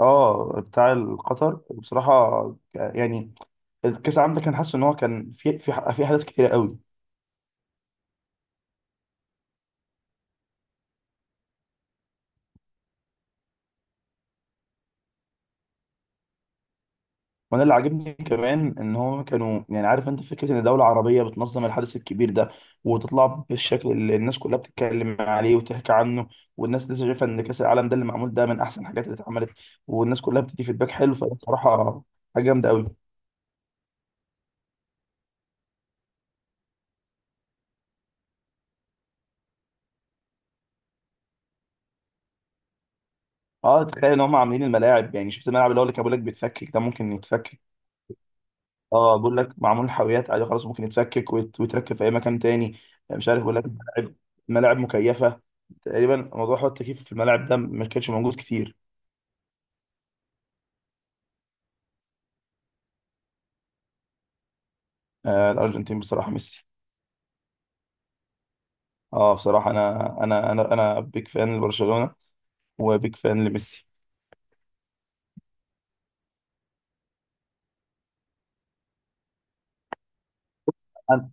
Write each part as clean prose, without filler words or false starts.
اه، بتاع القطر بصراحه. يعني الكاس العالم ده، كان حاسس ان هو كان في احداث كتيره قوي. وانا اللي عاجبني كمان ان هم كانوا، يعني عارف انت فكره ان دوله عربيه بتنظم الحدث الكبير ده، وتطلع بالشكل اللي الناس كلها بتتكلم عليه وتحكي عنه. والناس لسه شايفه ان كاس العالم ده اللي معمول ده من احسن الحاجات اللي اتعملت، والناس كلها بتدي فيدباك حلو. فبصراحه حاجه جامده قوي. اه، تخيل ان هم عاملين الملاعب. يعني شفت الملعب اللي هو اللي كان بيقول لك بيتفكك ده ممكن يتفكك. اه، بقول لك معمول حاويات، عادي خلاص ممكن يتفكك ويتركب في اي مكان تاني. آه، مش عارف بقول لك ملاعب، ملاعب مكيفه. تقريبا موضوع حوار التكييف في الملاعب ده ما كانش موجود كتير. آه، الارجنتين بصراحه، ميسي. اه، بصراحه انا بيك فان لبرشلونه، وبيك فان لميسي. انا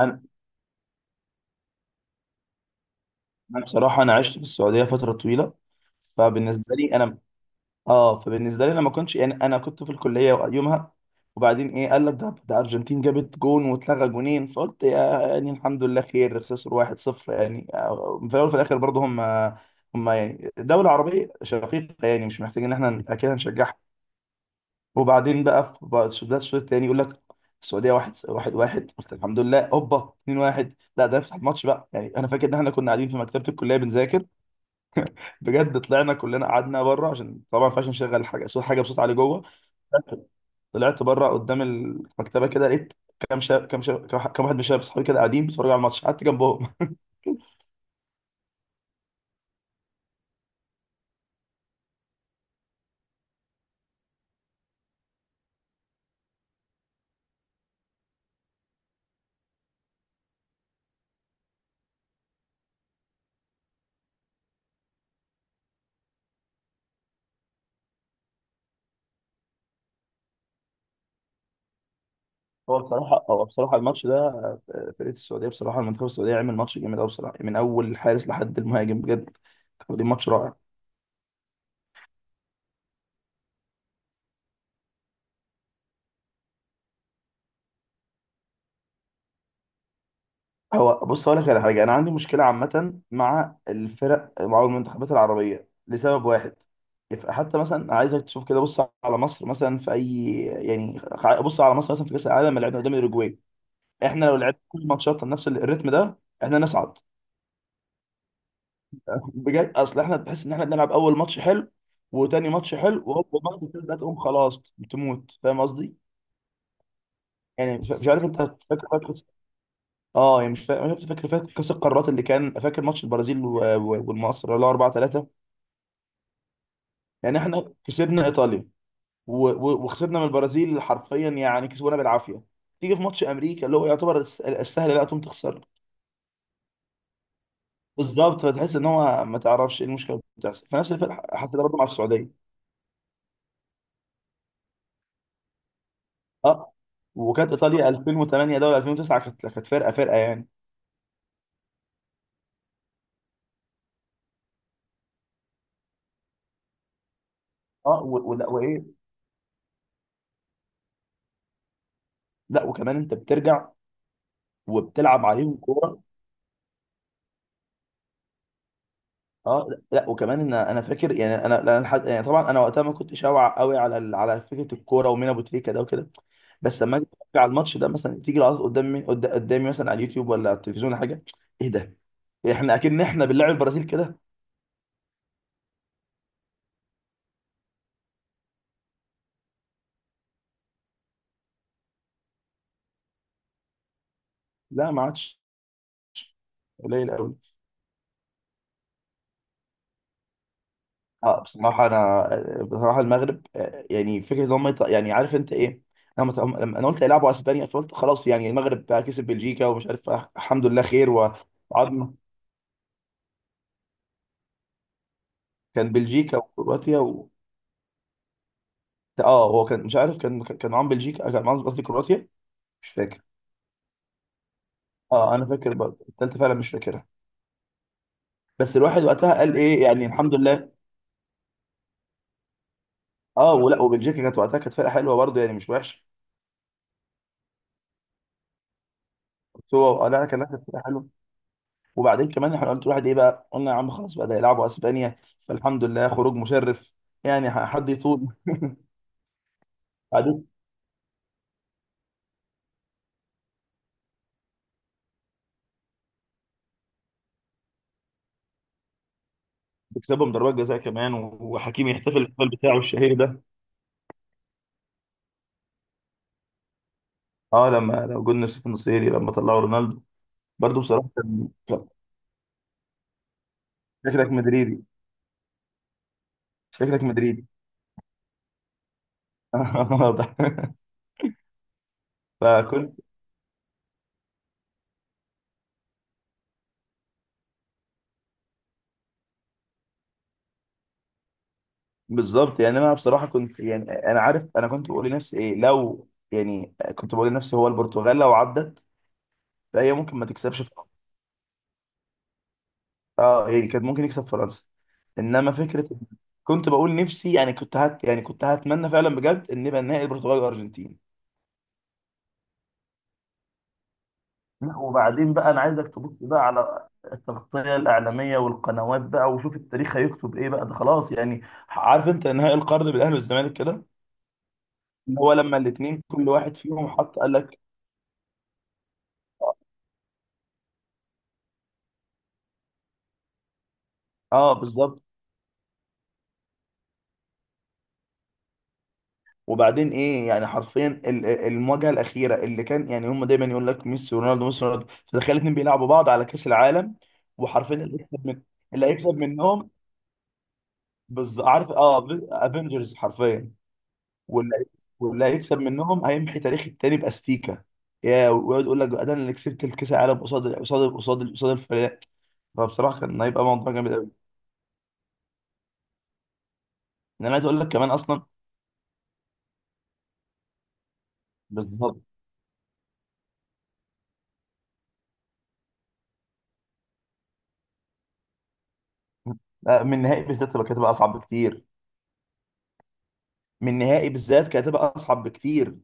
انا أنا بصراحه انا عشت في السعوديه فتره طويله. فبالنسبه لي انا، اه، فبالنسبه لي انا ما كنتش، يعني انا كنت في الكليه يومها. وبعدين، ايه؟ قال لك ده، ده ارجنتين جابت جون واتلغى جونين، فقلت يا، يعني الحمد لله خير، خسر 1-0. يعني آه، في الاول وفي الاخر برضه هم يعني دوله عربيه شقيقه، يعني مش محتاجين ان احنا اكيد هنشجعها. وبعدين بقى، في بقى ده الشوط الثاني، يقول لك السعوديه 1 1 1، قلت الحمد لله، هوبا 2-1. لا، ده يفتح الماتش بقى. يعني انا فاكر ان احنا كنا قاعدين في مكتبه الكليه بنذاكر. بجد طلعنا كلنا، قعدنا بره، عشان طبعا ما ينفعش نشغل حاجه صوت، حاجه بصوت عالي جوه. طلعت بره قدام المكتبه كده، لقيت كام واحد من شباب صحابي كده قاعدين بيتفرجوا على الماتش، قعدت جنبهم. هو بصراحه الماتش ده آه، فرقه السعوديه بصراحه، المنتخب السعوديه عمل ماتش جامد قوي بصراحه، من اول الحارس لحد المهاجم بجد. كان دي ماتش رائع. هو بص، اقول لك على حاجه. انا عندي مشكله عامه مع الفرق، مع المنتخبات العربيه لسبب واحد. حتى مثلا عايزك تشوف كده، بص على مصر مثلا في اي، يعني بص على مصر مثلا في كاس العالم اللي لعبنا قدام اوروجواي. احنا لو لعبنا كل ماتشاتنا بنفس الريتم ده، احنا نصعد. بجد اصل احنا بتحس ان احنا بنلعب اول ماتش حلو، وتاني ماتش حلو، وهوب الماتش التالت ده تقوم خلاص بتموت. فاهم قصدي؟ يعني مش عارف انت. فاكر اه، يعني مش فاكر. شفت، فاكر كاس القارات اللي كان، فاكر ماتش البرازيل والمصر اللي هو 4-3؟ يعني احنا كسبنا ايطاليا، وخسرنا من البرازيل حرفيا، يعني كسبونا بالعافيه. تيجي في ماتش امريكا اللي هو يعتبر السهل، لا تقوم تخسر. بالظبط، فتحس ان هو ما تعرفش ايه المشكله اللي بتحصل. فنفس الفرق حصل ده برضه مع السعوديه. اه، وكانت ايطاليا 2008 ده ولا 2009، كانت فرقه يعني. اه، ولا وايه. لا وكمان انت بترجع وبتلعب عليهم كوره. اه، لا لا، وكمان ان انا فاكر، يعني انا لا، أنا يعني طبعا انا وقتها ما كنتش اوعى قوي على على فكره الكوره، ومين ابو تريكه ده وكده. بس لما اجي أتفرج على الماتش ده مثلا، تيجي العظ قدامي، قدامي مثلا على اليوتيوب ولا على التلفزيون ولا حاجه. ايه ده؟ احنا اكن احنا بنلعب البرازيل كده. لا، ما عادش. قليل قوي. اه، بصراحة أنا، بصراحة المغرب آه، يعني فكرة إن هم يعني عارف أنت إيه؟ لما لما أنا قلت هيلعبوا أسبانيا، فقلت خلاص يعني المغرب بقى كسب بلجيكا ومش عارف. آه، الحمد لله خير وعظمة. كان بلجيكا وكرواتيا و... آه، هو كان مش عارف، كان معاهم بلجيكا آه، كان معاهم قصدي كرواتيا. مش فاكر. آه، أنا فاكر برضه، التالتة فعلا مش فاكرها. بس الواحد وقتها قال إيه، يعني الحمد لله. آه، ولا وبلجيكا كانت وقتها، كانت فرقة حلوة برضه، يعني مش وحشة. بس هو آه، لا كان، لا، كانت فرقة حلوة. وبعدين كمان احنا قلت واحد ايه بقى؟ قلنا يا عم خلاص بقى، ده يلعبوا اسبانيا. فالحمد لله خروج مشرف، يعني حد يطول. بعدين بيكسبهم ضربات جزاء كمان، وحكيمي يحتفل بالفعل بتاعه الشهير ده. اه، لما لو جولنا في النصيري لما طلعوا رونالدو. برضو بصراحه شكلك مدريدي. شكلك مدريدي. واضح. فكنت. بالظبط، يعني انا بصراحه كنت، يعني انا عارف، انا كنت بقول لنفسي ايه لو، يعني كنت بقول لنفسي هو البرتغال لو عدت، فهي ممكن ما تكسبش. اه، يعني كان ممكن يكسب فرنسا. انما فكره إن-. كنت بقول نفسي، يعني كنت هت، يعني كنت هتمنى فعلا بجد ان يبقى النهائي البرتغال والارجنتين. لا، وبعدين بقى، انا عايزك تبص بقى على التغطيه الاعلاميه والقنوات بقى، وشوف التاريخ هيكتب ايه بقى، ده خلاص يعني. عارف انت نهائي القرن بالاهلي والزمالك كده، اللي هو لما الاثنين كل واحد فيهم حط قال لك. اه، بالظبط. وبعدين ايه يعني، حرفيا المواجهه الاخيره اللي كان، يعني هم دايما يقول لك ميسي ورونالدو، ميسي ورونالدو. فتخيل اتنين بيلعبوا بعض على كاس العالم. وحرفيا اللي هيكسب من، اللي هيكسب منهم، بز... عارف اه، افنجرز حرفيا. واللي هي-. واللي هيكسب منهم هيمحي تاريخ التاني باستيكا، يا، ويقعد يقول لك بقى ده انا اللي كسبت الكاس العالم قصاد الفريق. فبصراحه كان هيبقى موضوع جامد قوي. انا عايز اقول لك كمان اصلا. بالظبط. لا، من النهائي بالذات تبقى، كانت هتبقى اصعب بكتير. من النهائي بالذات كانت هتبقى اصعب بكتير.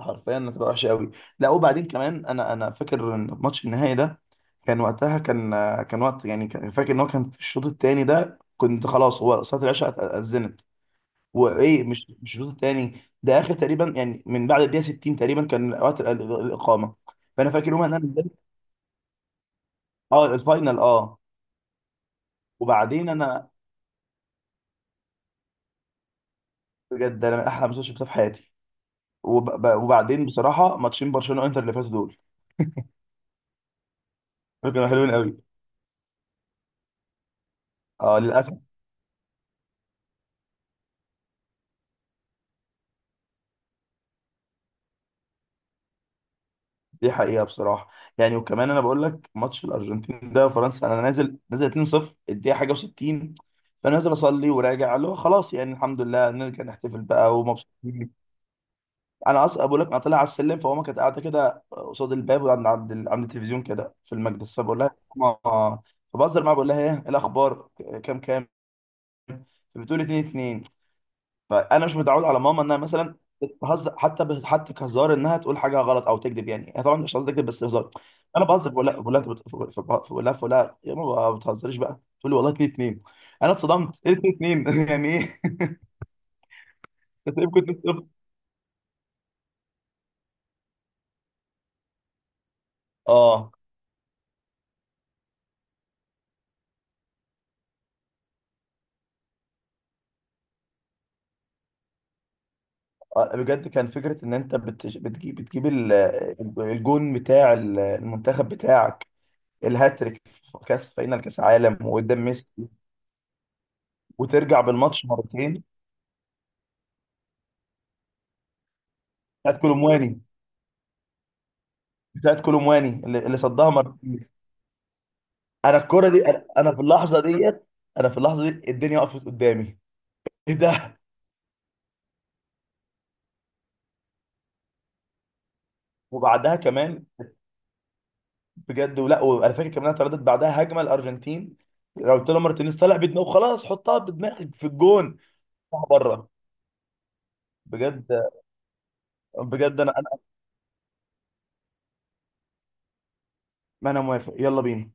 حرفيا هتبقى وحشه قوي. لا، وبعدين كمان، انا فاكر ان ماتش النهائي ده، كان وقتها كان، كان وقت يعني، فاكر ان هو كان في الشوط الثاني ده، كنت خلاص، هو صلاه العشاء اذنت. وايه، مش مش الشوط الثاني ده اخر تقريبا، يعني من بعد الدقيقه 60 تقريبا كان وقت الاقامه. فانا فاكر يومها ان انا نزلت. اه، الفاينل اه. وبعدين انا، بجد انا من احلى ماتشات شفتها في حياتي. وبعدين بصراحه ماتشين برشلونه وانتر اللي فاتوا دول، دول كانوا حلوين قوي. اه، للاسف. دي حقيقة بصراحة. يعني وكمان انا بقول لك ماتش الارجنتين ده فرنسا، انا نازل، نازل 2-0 الدقيقة حاجة و60. فنازل اصلي وراجع، اللي هو خلاص يعني الحمد لله نرجع نحتفل بقى ومبسوطين. انا اصلا بقول لك، انا طالع على السلم، فماما كانت قاعدة كده قصاد الباب عند عند التلفزيون كده في المجلس. فبقول لها ماما. فبهزر معاها بقول لها ايه، إيه الاخبار؟ كام كام؟ فبتقول 2-2. فانا مش متعود على ماما انها مثلا بتهزر، حتى ب، حتى كهزار، انها تقول حاجه غلط او تكذب. يعني هي طبعا مش قصدي تكذب، بس هزار. انا بهزر بقول لها انت بقول لها، بقول لها يا ماما ما بتهزريش بقى، تقول لي والله اتنين اتنين. انا اتصدمت، ايه اتنين؟ اتنين؟ يعني ايه؟ انت يمكن تكسب. اه، آه، بجد كان فكره ان انت بتجيب الجون بتاع المنتخب بتاعك، الهاتريك في كاس فاينل كاس عالم وقدام ميسي، وترجع بالماتش مرتين. بتاعت كولومواني بتاعت كولومواني اللي صدها مرتين. انا الكرة دي انا، أنا في اللحظة ديت، انا في اللحظة دي الدنيا وقفت قدامي. ايه ده؟ وبعدها كمان، بجد ولا، وانا فاكر كمان انا اترددت بعدها، هجمة الارجنتين، راوتيلو مارتينيز طالع بدماغه، خلاص حطها بدماغك في الجون، طلع بره. بجد بجد انا ما انا موافق، يلا بينا.